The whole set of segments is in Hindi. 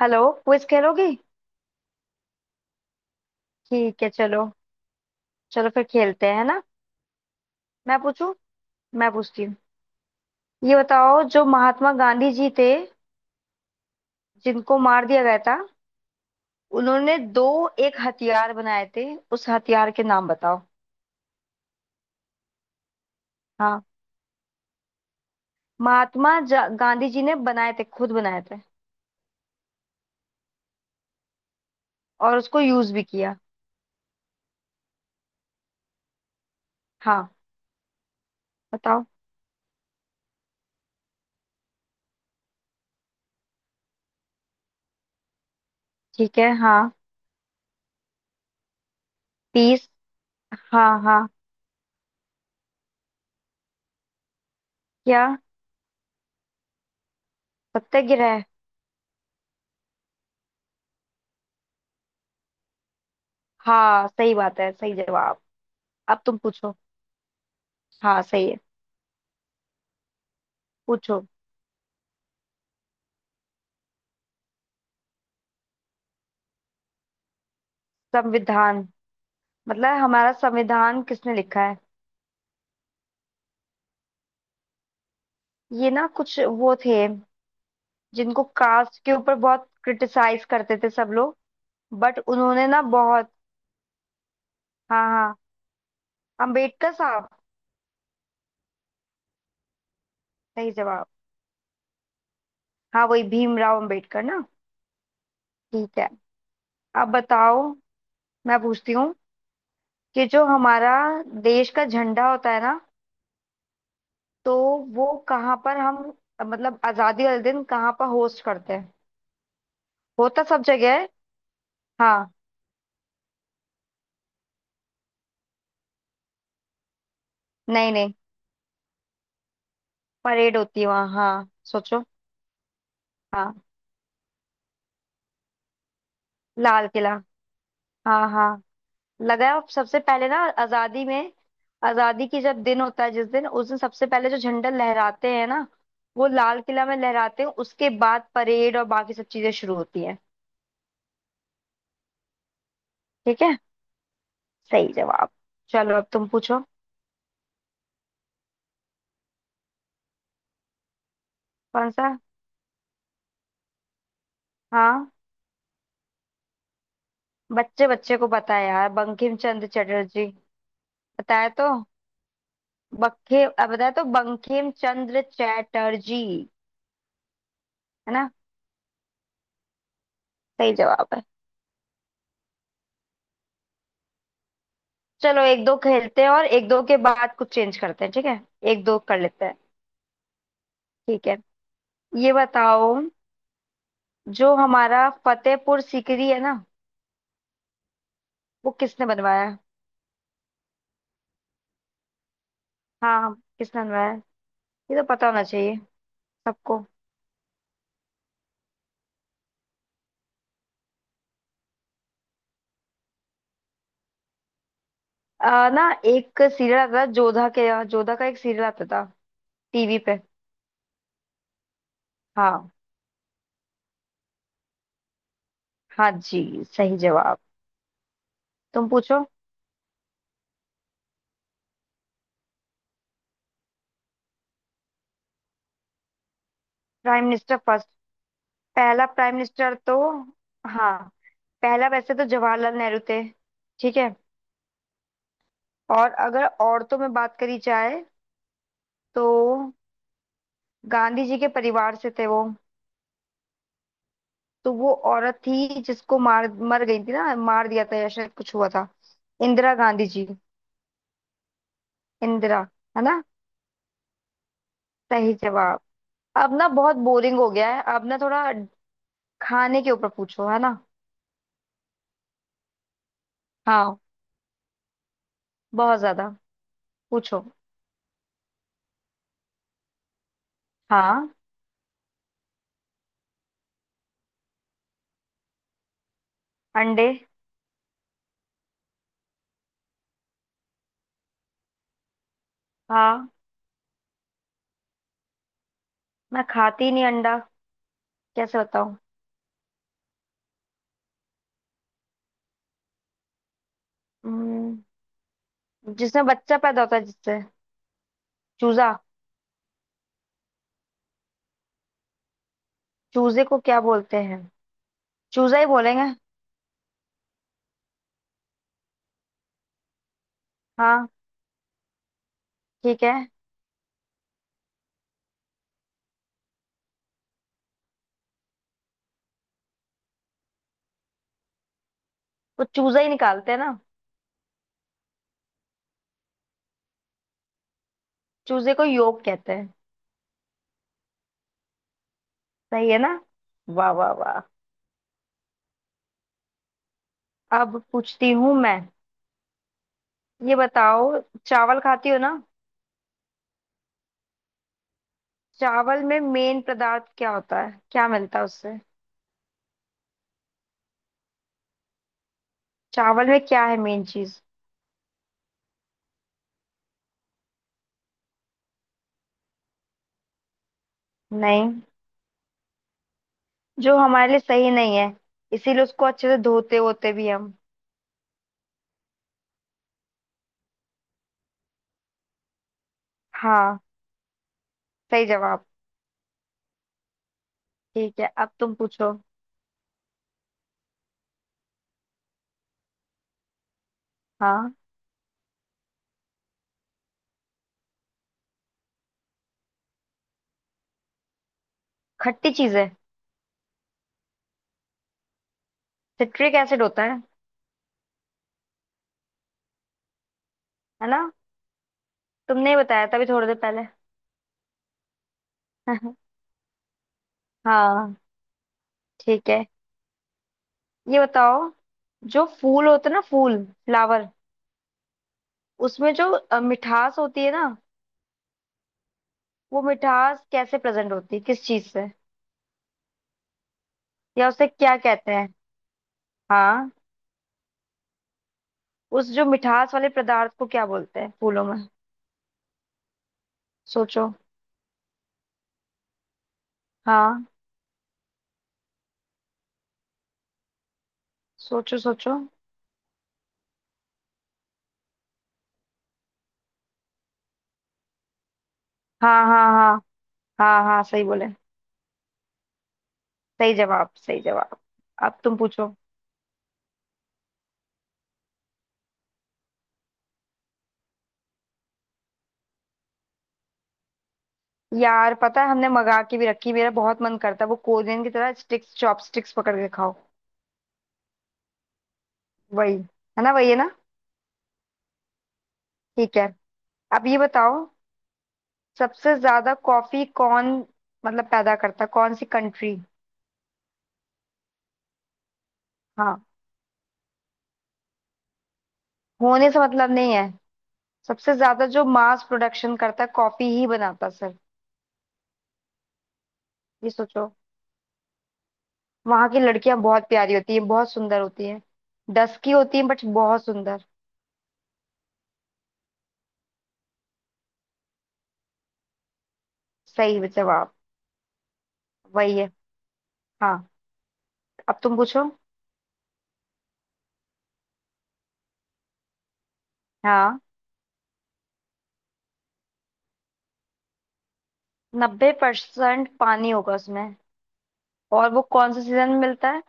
हेलो, क्विज खेलोगी? ठीक है, चलो। चलो फिर खेलते हैं, है ना। मैं पूछूं। मैं पूछती हूँ। ये बताओ, जो महात्मा गांधी जी थे, जिनको मार दिया गया था, उन्होंने दो एक हथियार बनाए थे। उस हथियार के नाम बताओ। हाँ, महात्मा गांधी जी ने बनाए थे, खुद बनाए थे। और उसको यूज भी किया। हाँ। बताओ। ठीक है, हाँ। पीस। हाँ, हाँ। क्या? सत्याग्रह। हाँ, सही बात है, सही जवाब। अब तुम पूछो। हाँ, सही है। पूछो। संविधान। मतलब हमारा संविधान किसने लिखा है? ये ना कुछ वो थे, जिनको कास्ट के ऊपर बहुत क्रिटिसाइज करते थे सब लोग। बट उन्होंने ना बहुत। हाँ, हाँ। अंबेडकर साहब। सही जवाब। हाँ, वही भीमराव अंबेडकर ना। ठीक है। अब बताओ। मैं पूछती हूँ, कि जो हमारा देश का झंडा होता है ना, तो वो कहाँ पर हम, मतलब आजादी वाले दिन कहाँ पर होस्ट करते हैं? होता सब जगह है। हाँ। नहीं, नहीं। परेड होती है वहाँ, हाँ, सोचो। हाँ। लाल किला। हाँ, हाँ। लगाया, और सबसे पहले ना आजादी में। आजादी की जब दिन होता है, जिस दिन, उस दिन सबसे पहले जो झंडा लहराते हैं ना, वो लाल किला में लहराते हैं, उसके बाद परेड और बाकी सब चीजें शुरू होती हैं। ठीक है, सही जवाब। चलो, अब तुम पूछो। कौन सा? हाँ, बच्चे बच्चे को पता है यार, बंकिम चंद्र चटर्जी। बताया तो, बताया तो बंकिम चंद्र चटर्जी। है ना। सही जवाब है। चलो एक दो खेलते हैं, और एक दो के बाद कुछ चेंज करते हैं, ठीक है। एक दो कर लेते हैं। ठीक है। ये बताओ, जो हमारा फतेहपुर सीकरी है ना, वो किसने बनवाया? हाँ, हाँ, किसने बनवाया? ये तो पता होना चाहिए सबको। ना, एक सीरियल आता था जोधा के यहाँ, जोधा का एक सीरियल आता था, टीवी पे। हाँ। हाँ जी, सही जवाब। तुम पूछो। Prime minister first? पहला प्राइम मिनिस्टर तो, हाँ, पहला वैसे तो जवाहरलाल नेहरू थे। ठीक है। और अगर औरतों में बात करी जाए, तो गांधी जी के परिवार से थे वो। तो वो औरत थी, जिसको मार मर गई थी ना, मार दिया था, या शायद कुछ हुआ था। इंदिरा गांधी जी। इंदिरा, है ना। सही जवाब। अब ना बहुत बोरिंग हो गया है, अब ना थोड़ा खाने के ऊपर पूछो, है ना। हाँ, बहुत ज्यादा। पूछो। हाँ। अंडे। हाँ। मैं खाती नहीं अंडा, कैसे बताऊं? हम्म, जिसमें बच्चा पैदा होता है, जिससे। चूजा। चूजे को क्या बोलते हैं? चूजा ही बोलेंगे। हाँ। ठीक है। वो चूजा ही निकालते हैं ना। चूजे को योग कहते हैं। सही है ना। वाह वाह वाह। अब पूछती हूँ मैं। ये बताओ, चावल खाती हो ना। चावल में मेन पदार्थ क्या होता है, क्या मिलता है उससे? चावल में क्या है मेन चीज? नहीं। जो हमारे लिए सही नहीं है, इसीलिए उसको अच्छे से धोते होते भी हम। हाँ, सही जवाब। ठीक है, अब तुम पूछो। हाँ। खट्टी चीज है। सिट्रिक एसिड होता है। है ना, तुमने ही बताया था अभी थोड़ी देर पहले। हाँ। ठीक है। ये बताओ, जो फूल होते हैं ना, फूल, फ्लावर, उसमें जो मिठास होती है ना, वो मिठास कैसे प्रेजेंट होती है, किस चीज से, या उसे क्या कहते हैं? हाँ। उस जो मिठास वाले पदार्थ को क्या बोलते हैं फूलों में? सोचो। हाँ। सोचो, सोचो। हाँ, हाँ, हाँ। हाँ, हाँ, सही बोले, सही जवाब, सही जवाब। अब तुम पूछो। यार पता है, हमने मंगा के भी रखी, मेरा बहुत मन करता है वो कोरियन की तरह स्टिक्स, चॉपस्टिक्स पकड़ के खाओ। वही। है ना, वही है ना। ठीक है। अब ये बताओ, सबसे ज्यादा कॉफी कौन, मतलब पैदा करता है, कौन सी कंट्री? हाँ। होने से मतलब नहीं है, सबसे ज्यादा जो मास प्रोडक्शन करता है, कॉफी ही बनाता है सर। ये सोचो। वहां की लड़कियां बहुत प्यारी होती हैं, बहुत सुंदर होती हैं, डस की होती हैं, बट बहुत सुंदर। सही जवाब। वही है। हाँ। अब तुम पूछो। हाँ, नब्बे परसेंट पानी होगा उसमें, और वो कौन से सीजन में मिलता है?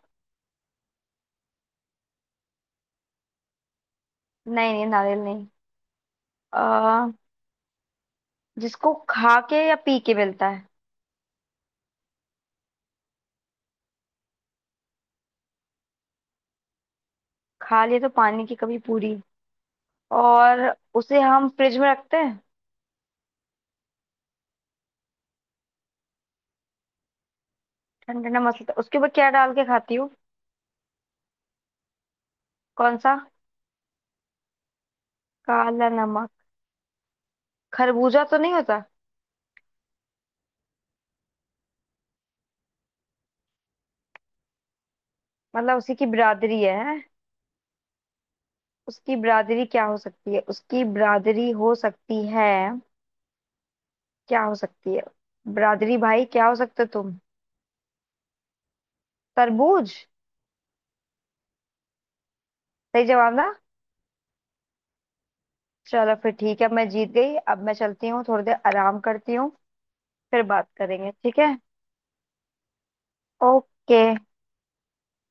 नहीं, नहीं, नारियल नहीं। आ, जिसको खा के, या पी के मिलता है? खा लिए तो पानी की कमी पूरी। और उसे हम फ्रिज में रखते हैं। ठंडा ठंडा मसलता, उसके ऊपर क्या डाल के खाती हूँ? कौन सा? काला नमक। खरबूजा तो नहीं होता? मतलब उसी की बिरादरी है, हैं? उसकी बिरादरी क्या हो सकती है, उसकी बिरादरी हो सकती है, क्या हो सकती है, बिरादरी भाई क्या हो सकते हो तुम? तरबूज। सही जवाब ना। चलो फिर, ठीक है, मैं जीत गई, अब मैं चलती हूँ, थोड़ी देर आराम करती हूँ। फिर बात करेंगे, ठीक है। ओके।